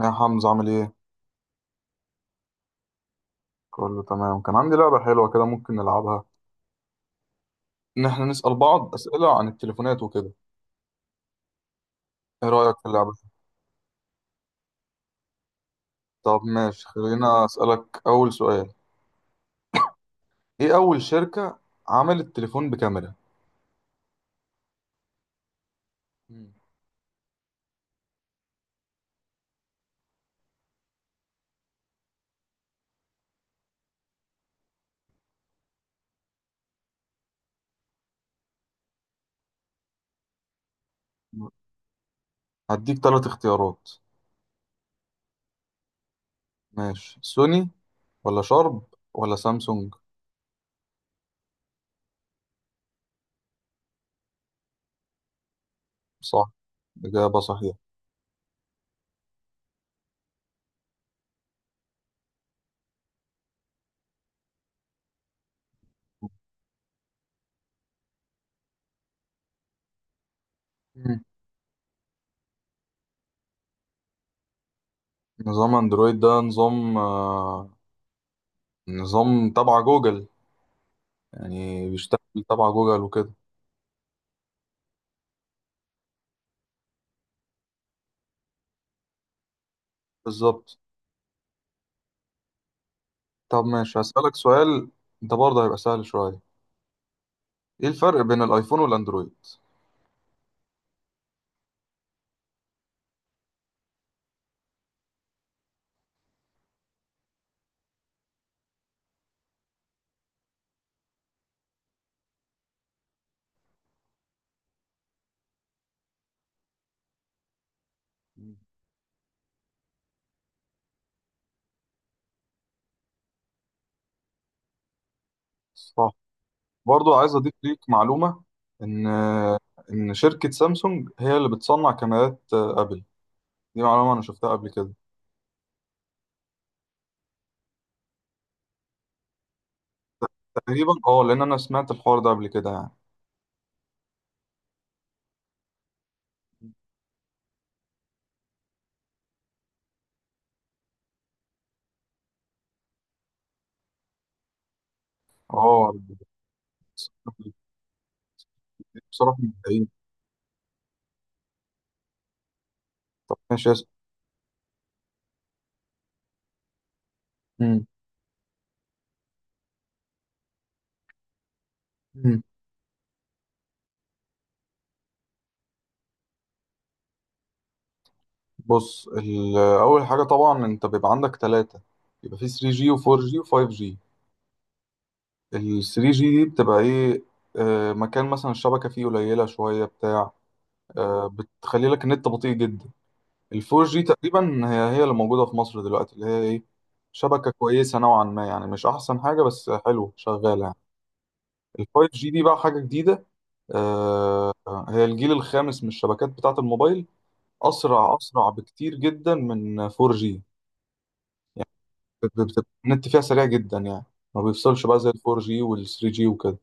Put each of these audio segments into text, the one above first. يا حمزة عامل ايه؟ كله تمام. كان عندي لعبة حلوة كده، ممكن نلعبها ان احنا نسأل بعض اسئلة عن التليفونات وكده. ايه رأيك في اللعبة؟ طب ماشي، خلينا اسألك اول سؤال. ايه اول شركة عملت تليفون بكاميرا؟ مم. هديك ثلاث اختيارات: ماشي، سوني ولا شارب ولا سامسونج؟ صح، إجابة صحيحة. مم. نظام اندرويد ده نظام تبع جوجل، يعني بيشتغل تبع جوجل وكده. بالظبط. طب ماشي، هسألك سؤال. ده برضه هيبقى سهل شوية. ايه الفرق بين الايفون والاندرويد؟ مم. صح. برضه عايز اضيف ليك معلومة ان ان شركة سامسونج هي اللي بتصنع كاميرات ابل. دي معلومة انا شفتها قبل كده تقريبا. اه، لان انا سمعت الحوار ده قبل كده يعني. اه، بصراحة مبدعين. طب ماشي، اسأل. مم. مم. بص، اول حاجة طبعا انت بيبقى عندك ثلاثة، يبقى في 3G و4G و5G. ال 3G دي بتبقى ايه؟ مكان مثلا الشبكة فيه قليلة شوية بتاع، بتخلي لك النت بطيء جدا. ال 4G تقريبا هي هي اللي موجودة في مصر دلوقتي، اللي هي ايه، شبكة كويسة نوعا ما يعني. مش أحسن حاجة بس حلوة شغالة يعني. ال 5G دي بقى حاجة جديدة آه، هي الجيل الخامس من الشبكات بتاعة الموبايل. أسرع أسرع بكتير جدا من 4G. يعني النت فيها سريع جدا يعني. ما بيفصلش بقى زي ال 4G وال 3G وكده.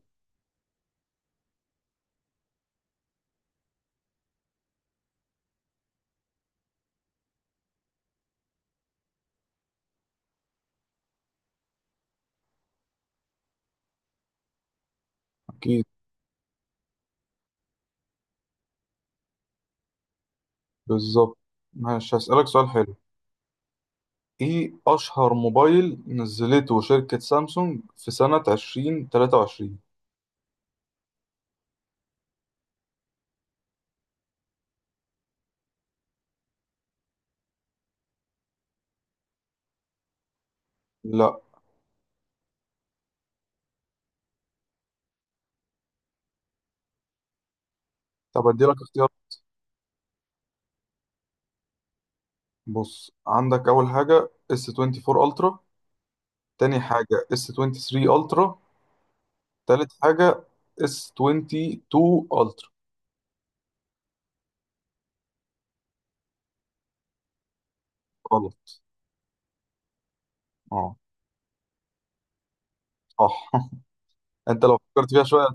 أكيد. بالظبط. ماشي، هسألك سؤال حلو. ايه اشهر موبايل نزلته شركة سامسونج في سنة 2023؟ لا. طب ادي لك اختيار. بص، عندك اول حاجة S24 Ultra، تاني حاجة S23 Ultra، تالت حاجة S22 Ultra. غلط. اه. صح. انت لو فكرت فيها شوية.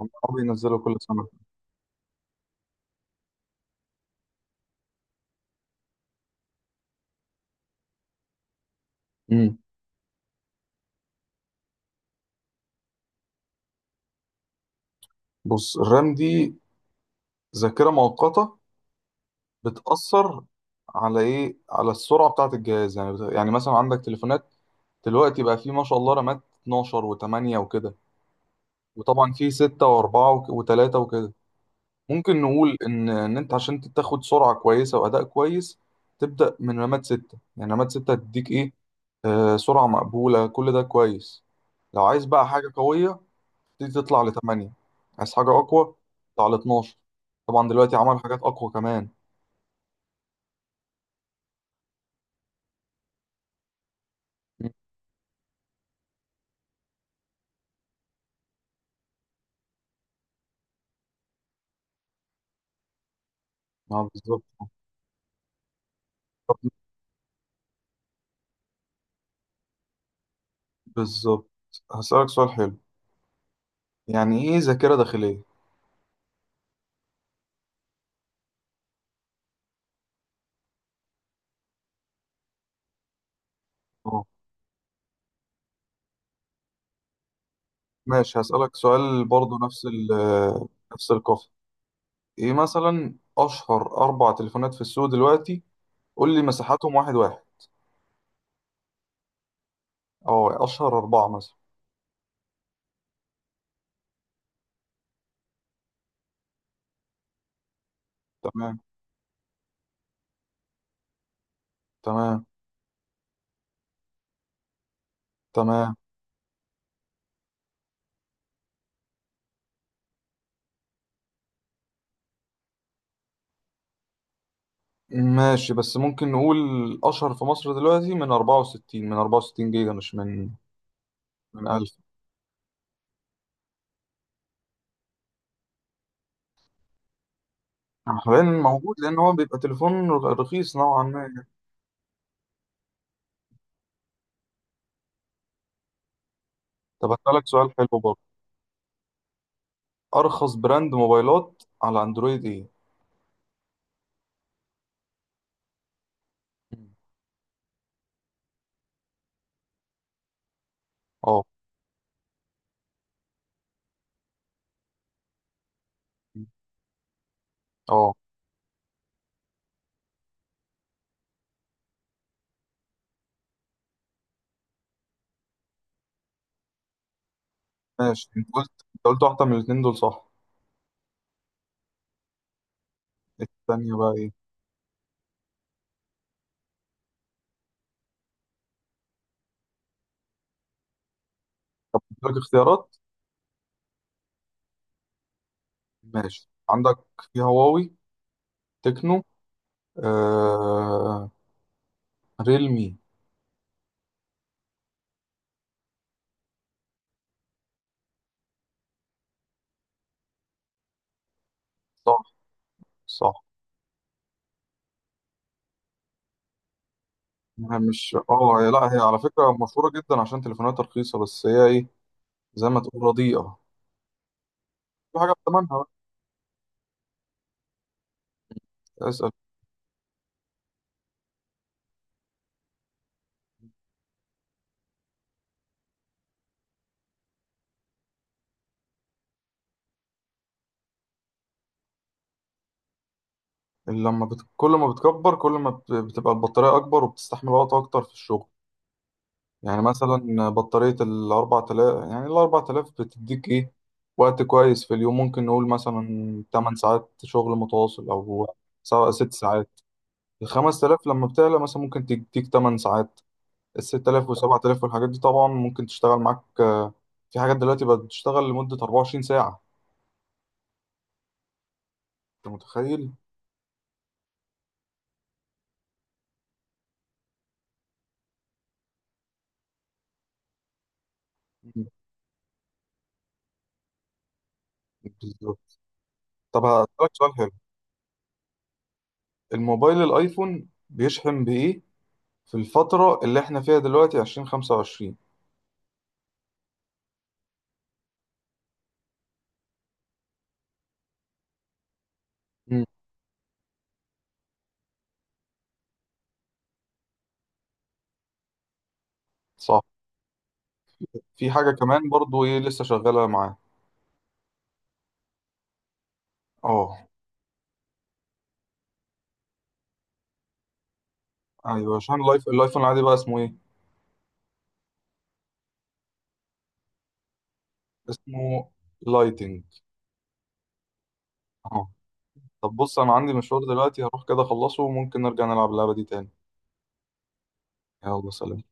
هم بينزلوا كل سنة. امم. بص، الرام دي ذاكرة مؤقتة. بتأثر على ايه، على السرعة بتاعة الجهاز. يعني يعني مثلا عندك تليفونات دلوقتي بقى، فيه ما شاء الله رامات 12 و8 وكده. وطبعا فيه 6 و4 و3 وكده. ممكن نقول ان ان انت عشان تاخد سرعة كويسة وأداء كويس، تبدأ من رامات 6. يعني رامات 6 تديك ايه، سرعة مقبولة، كل ده كويس. لو عايز بقى حاجة قوية، تبتدي تطلع ل 8. عايز حاجة أقوى، تطلع ل 12. طبعا دلوقتي عملوا حاجات أقوى كمان. اه، بالظبط بالظبط. هسألك سؤال حلو. يعني إيه ذاكرة داخلية؟ أه، ماشي، هسألك سؤال برضو نفس ال آه، نفس القافية. إيه مثلا أشهر أربع تليفونات في السوق دلوقتي؟ قول لي مساحاتهم واحد واحد. أه، أشهر أربعة مثلا. تمام. تمام. تمام. ماشي، بس ممكن نقول أشهر في مصر دلوقتي من 64، من 64 جيجا، مش من، من 1000 حاليا موجود، لأن هو بيبقى تليفون رخيص نوعا ما. طب هسألك سؤال حلو برضه. ارخص براند موبايلات على اندرويد ايه؟ مم. اه اه، ماشي. انت قلت واحده من الاثنين دول صح؟ الثانيه بقى ايه؟ عندك اختيارات. مم. ماشي، عندك في هواوي، تكنو، آه... ريلمي. صح. صح. هي مش لا، هي على فكره مشهوره جدا عشان تليفوناتها رخيصه، بس هي ايه، زي ما تقول رديئه. في حاجه بتمنها. بقى اسال. كل ما بتكبر، كل ما بت... بتبقى البطاريه اكبر وبتستحمل وقت اكتر في الشغل. يعني مثلا بطارية 4000، يعني 4000 بتديك إيه، وقت كويس في اليوم. ممكن نقول مثلا 8 ساعات شغل متواصل أو سواء 6 ساعات. 5000 لما بتعلى مثلا ممكن تديك 8 ساعات. 6000 وسبعة تلاف والحاجات دي طبعا ممكن تشتغل معاك. في حاجات دلوقتي بقت بتشتغل لمدة 24 ساعة. أنت متخيل؟ مم. بالظبط. طب هسألك سؤال حلو. الموبايل الأيفون بيشحن بإيه في الفترة اللي إحنا فيها دلوقتي 2025؟ مم. صح. في حاجة كمان برضو ايه لسه شغالة معاه؟ اه، ايوه. عشان اللايف الايفون العادي بقى اسمه ايه؟ اسمه لايتنج. اه. طب بص، انا عندي مشوار دلوقتي هروح كده اخلصه، وممكن نرجع نلعب اللعبة دي تاني. يلا، سلام.